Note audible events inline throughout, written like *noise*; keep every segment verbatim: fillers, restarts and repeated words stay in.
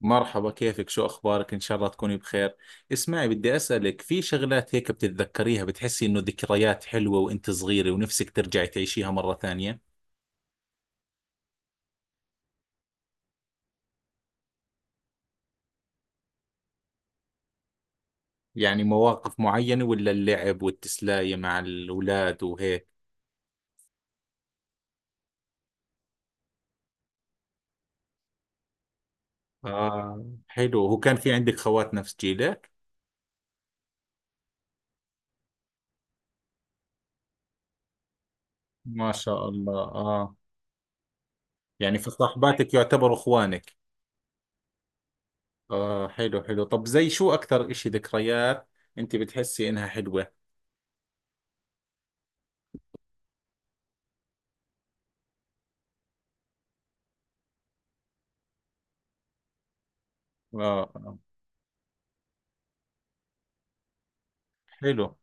مرحبا، كيفك؟ شو أخبارك؟ إن شاء الله تكوني بخير. اسمعي، بدي أسألك في شغلات هيك بتتذكريها، بتحسي إنه ذكريات حلوة وإنت صغيرة ونفسك ترجعي تعيشيها مرة ثانية. يعني مواقف معينة ولا اللعب والتسلاية مع الأولاد وهيك؟ آه، حلو. هو كان في عندك خوات نفس جيلك؟ ما شاء الله. آه، يعني فصاحباتك يعتبروا إخوانك. آه، حلو حلو. طب زي شو أكثر إشي ذكريات إنت بتحسي إنها حلوة؟ آه، آه، حلو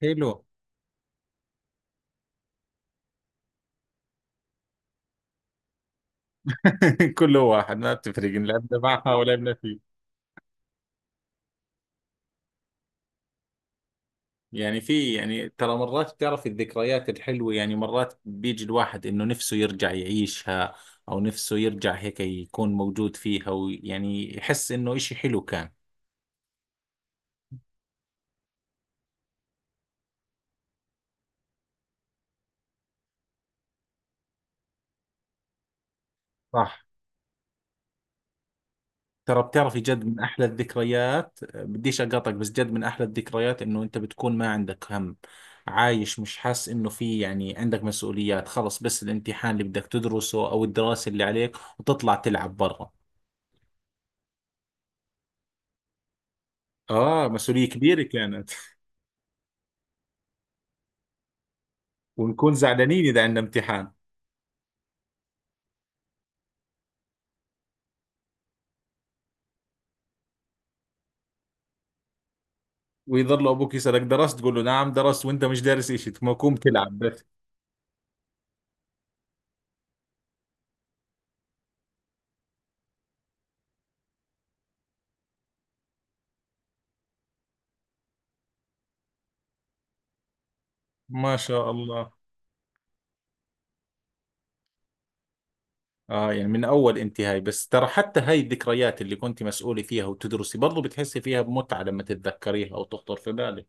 حلو. *laughs* كله واحد، ما بتفرق إن لعبنا معها ولعبنا فيه. يعني في يعني ترى مرات بتعرف الذكريات الحلوة، يعني مرات بيجي الواحد انه نفسه يرجع يعيشها، او نفسه يرجع هيك يكون موجود فيها، ويعني يحس انه اشي حلو كان. صح، ترى بتعرفي جد من احلى الذكريات، بديش اقاطعك بس جد من احلى الذكريات انه انت بتكون ما عندك هم، عايش مش حاسس انه في يعني عندك مسؤوليات، خلص بس الامتحان اللي بدك تدرسه او الدراسة اللي عليك وتطلع تلعب برا. اه، مسؤولية كبيرة كانت. ونكون زعلانين إذا عندنا امتحان. ويظل أبوك يسألك درست، تقول له نعم درست وأنت مش دارس إشي، تقوم تلعب بس. ما شاء الله. آه، يعني من أول أنت هاي. بس ترى حتى هاي الذكريات اللي كنت مسؤولة فيها وتدرسي برضو بتحسي فيها بمتعة لما تتذكريها أو تخطر في بالك.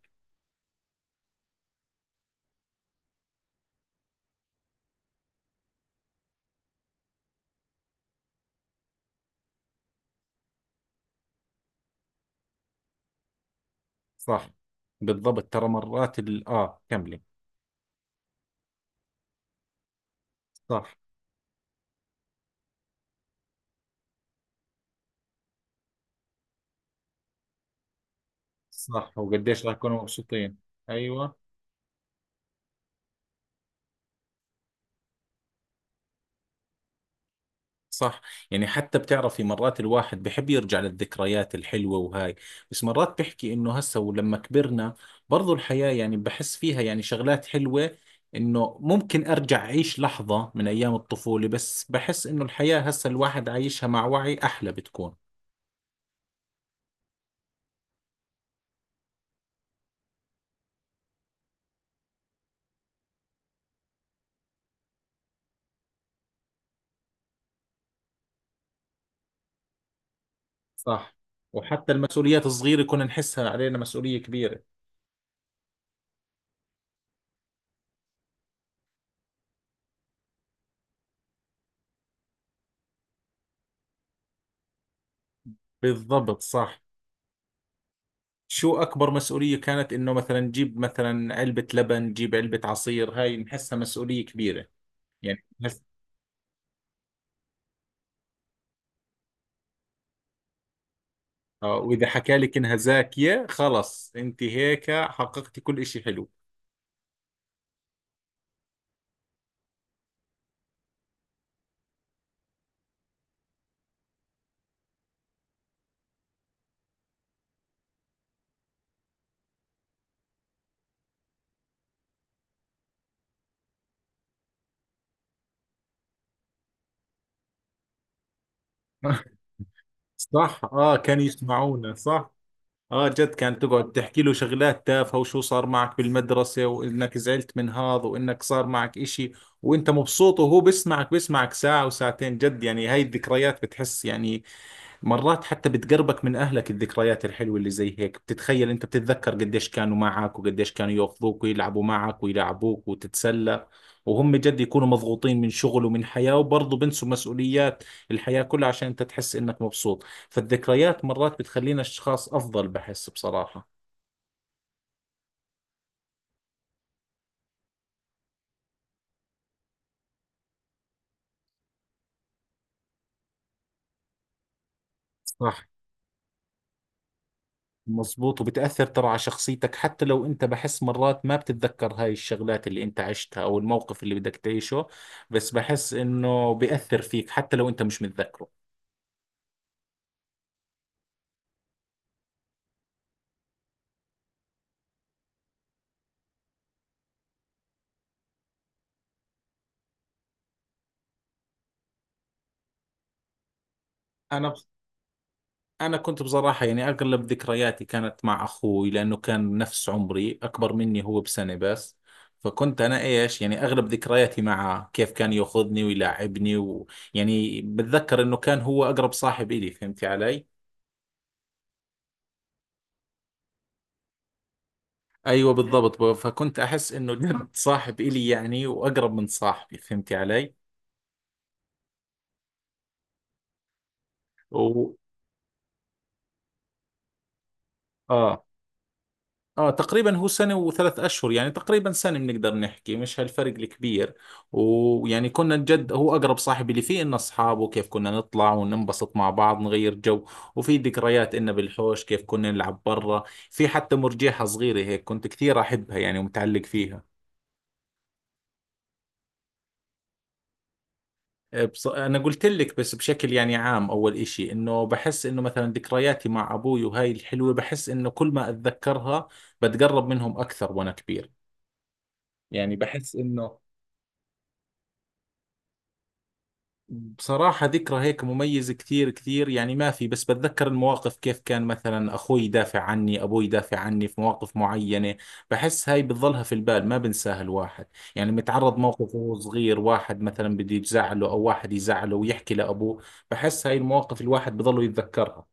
صح. بالضبط. ترى مرات ال... آه كملي. صح. صح، وقديش راح يكونوا مبسوطين. أيوة. صح. يعني حتى بتعرفي مرات الواحد بحب يرجع للذكريات الحلوة وهاي، بس مرات بحكي انه هسه ولما كبرنا برضو الحياة يعني بحس فيها يعني شغلات حلوة. انه ممكن ارجع اعيش لحظة من ايام الطفولة، بس بحس انه الحياة هسه الواحد عايشها مع وعي احلى بتكون. صح. وحتى المسؤوليات الصغيرة كنا نحسها علينا مسؤولية كبيرة. بالضبط، صح. شو أكبر مسؤولية كانت؟ إنه مثلا نجيب مثلا علبة لبن، نجيب علبة عصير، هاي نحسها مسؤولية كبيرة. يعني اه، واذا حكى لك انها زاكية خلص انت هيك حققتي كل اشي حلو. صح. اه، كان يسمعونا، صح. اه، جد كانت تقعد تحكي له شغلات تافهة، وشو صار معك بالمدرسة وانك زعلت من هذا وانك صار معك اشي وانت مبسوط، وهو بيسمعك بيسمعك ساعة وساعتين، جد يعني هاي الذكريات بتحس يعني مرات حتى بتقربك من أهلك. الذكريات الحلوة اللي زي هيك، بتتخيل أنت بتتذكر قديش كانوا معك وقديش كانوا يأخذوك ويلعبوا معك ويلعبوك وتتسلى، وهم جد يكونوا مضغوطين من شغل ومن حياة، وبرضه بنسوا مسؤوليات الحياة كلها عشان أنت تحس إنك مبسوط. فالذكريات مرات بتخلينا أشخاص أفضل، بحس بصراحة. صح، مظبوط. وبتأثر ترى على شخصيتك، حتى لو أنت بحس مرات ما بتتذكر هاي الشغلات اللي أنت عشتها أو الموقف اللي بدك تعيشه، بس بحس إنه بيأثر فيك حتى لو أنت مش متذكره. أنا، أنا كنت بصراحة يعني أغلب ذكرياتي كانت مع أخوي، لأنه كان نفس عمري، أكبر مني هو بسنة بس. فكنت أنا إيش، يعني أغلب ذكرياتي معه، كيف كان يأخذني ويلاعبني، ويعني بتذكر إنه كان هو أقرب صاحب إلي، فهمتي علي؟ ايوه، بالضبط. فكنت احس انه جد صاحب الي يعني، واقرب من صاحبي، فهمتي علي. و، اه، اه، تقريبا هو سنه وثلاث اشهر، يعني تقريبا سنه بنقدر نحكي، مش هالفرق الكبير. ويعني كنا جد هو اقرب صاحب، اللي فيه انه اصحابه كيف كنا نطلع وننبسط مع بعض، نغير جو. وفي ذكريات انه بالحوش كيف كنا نلعب برا، في حتى مرجيحه صغيره هيك كنت كثير احبها يعني ومتعلق فيها. آه، بص... أنا قلت لك بس بشكل يعني عام. أول إشي إنه بحس إنه مثلا ذكرياتي مع أبوي وهاي الحلوة، بحس إنه كل ما أتذكرها بتقرب منهم أكثر وأنا كبير. يعني بحس إنه بصراحة ذكرى هيك مميزة كثير كثير يعني ما في، بس بتذكر المواقف كيف كان مثلا أخوي يدافع عني، أبوي يدافع عني في مواقف معينة، بحس هاي بتظلها في البال ما بنساها الواحد. يعني متعرض موقف وهو صغير، واحد مثلا بده يزعله أو واحد يزعله ويحكي لأبوه، بحس هاي المواقف الواحد بضله يتذكرها.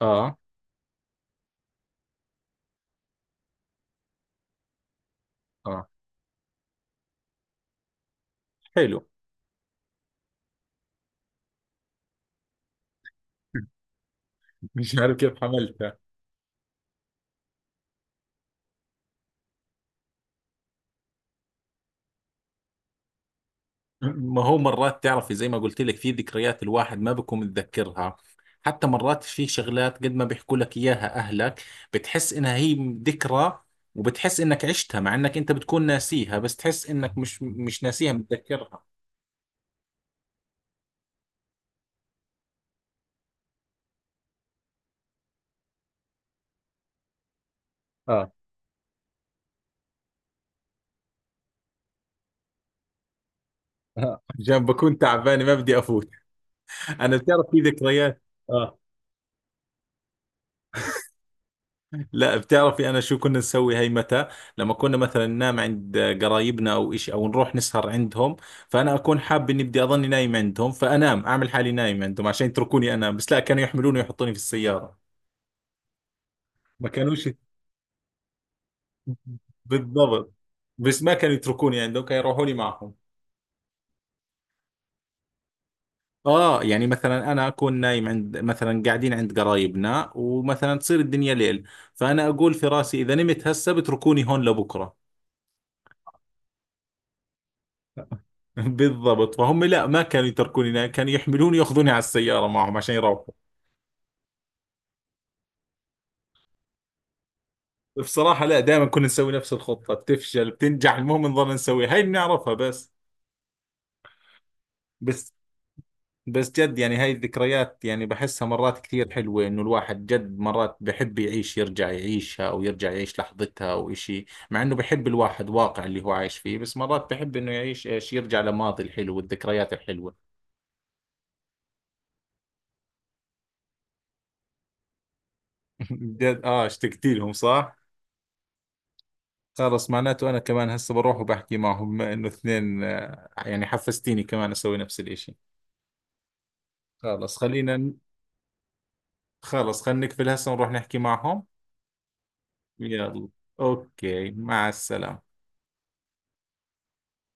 اه. اه، حلو. *laughs* مش عارف كيف حملتها. ما هو مرات تعرفي، زي ما قلت لك، في ذكريات الواحد ما بكون متذكرها، حتى مرات في شغلات قد ما بيحكوا لك اياها اهلك، بتحس انها هي ذكرى، وبتحس انك عشتها، مع انك انت بتكون ناسيها، بس تحس انك مش مش ناسيها، متذكرها. اه. *laughs* آه. عشان بكون تعبان ما بدي افوت. انا بتعرف في ذكريات، اه لا بتعرفي انا شو كنا نسوي هاي متى؟ لما كنا مثلا ننام عند قرايبنا او إشي، او نروح نسهر عندهم، فانا اكون حاب اني بدي اضلني نايم عندهم، فانام اعمل حالي نايم عندهم عشان يتركوني انام، بس لا كانوا يحملوني ويحطوني في السيارة. ما كانوش. بالضبط. بس ما كانوا يتركوني عندهم، كانوا يروحوا لي معهم. اه، يعني مثلا انا اكون نايم عند، مثلا قاعدين عند قرايبنا، ومثلا تصير الدنيا ليل، فانا اقول في راسي اذا نمت هسه بتركوني هون لبكره. *laughs* بالضبط. فهم لا ما كانوا يتركوني هناك، كانوا يحملوني ياخذوني على السيارة معهم عشان يروحوا. بصراحة لا، دائما كنا نسوي نفس الخطة، بتفشل بتنجح المهم نظل نسويها، هاي بنعرفها بس. بس بس جد يعني هاي الذكريات يعني بحسها مرات كثير حلوة، انه الواحد جد مرات بحب يعيش يرجع يعيشها، او يرجع يعيش لحظتها او اشي، مع انه بحب الواحد واقع اللي هو عايش فيه، بس مرات بحب انه يعيش ايش، يرجع لماضي الحلو والذكريات الحلوة. *laughs* جد، اه اشتقت لهم صح. خلص معناته انا كمان هسه بروح وبحكي معهم، بما انه اثنين، آه، يعني حفزتيني كمان اسوي نفس الاشي. خلص خلينا ن- خلص خلينا نقفل هسه ونروح نحكي معهم. يلا، اوكي، مع السلامة.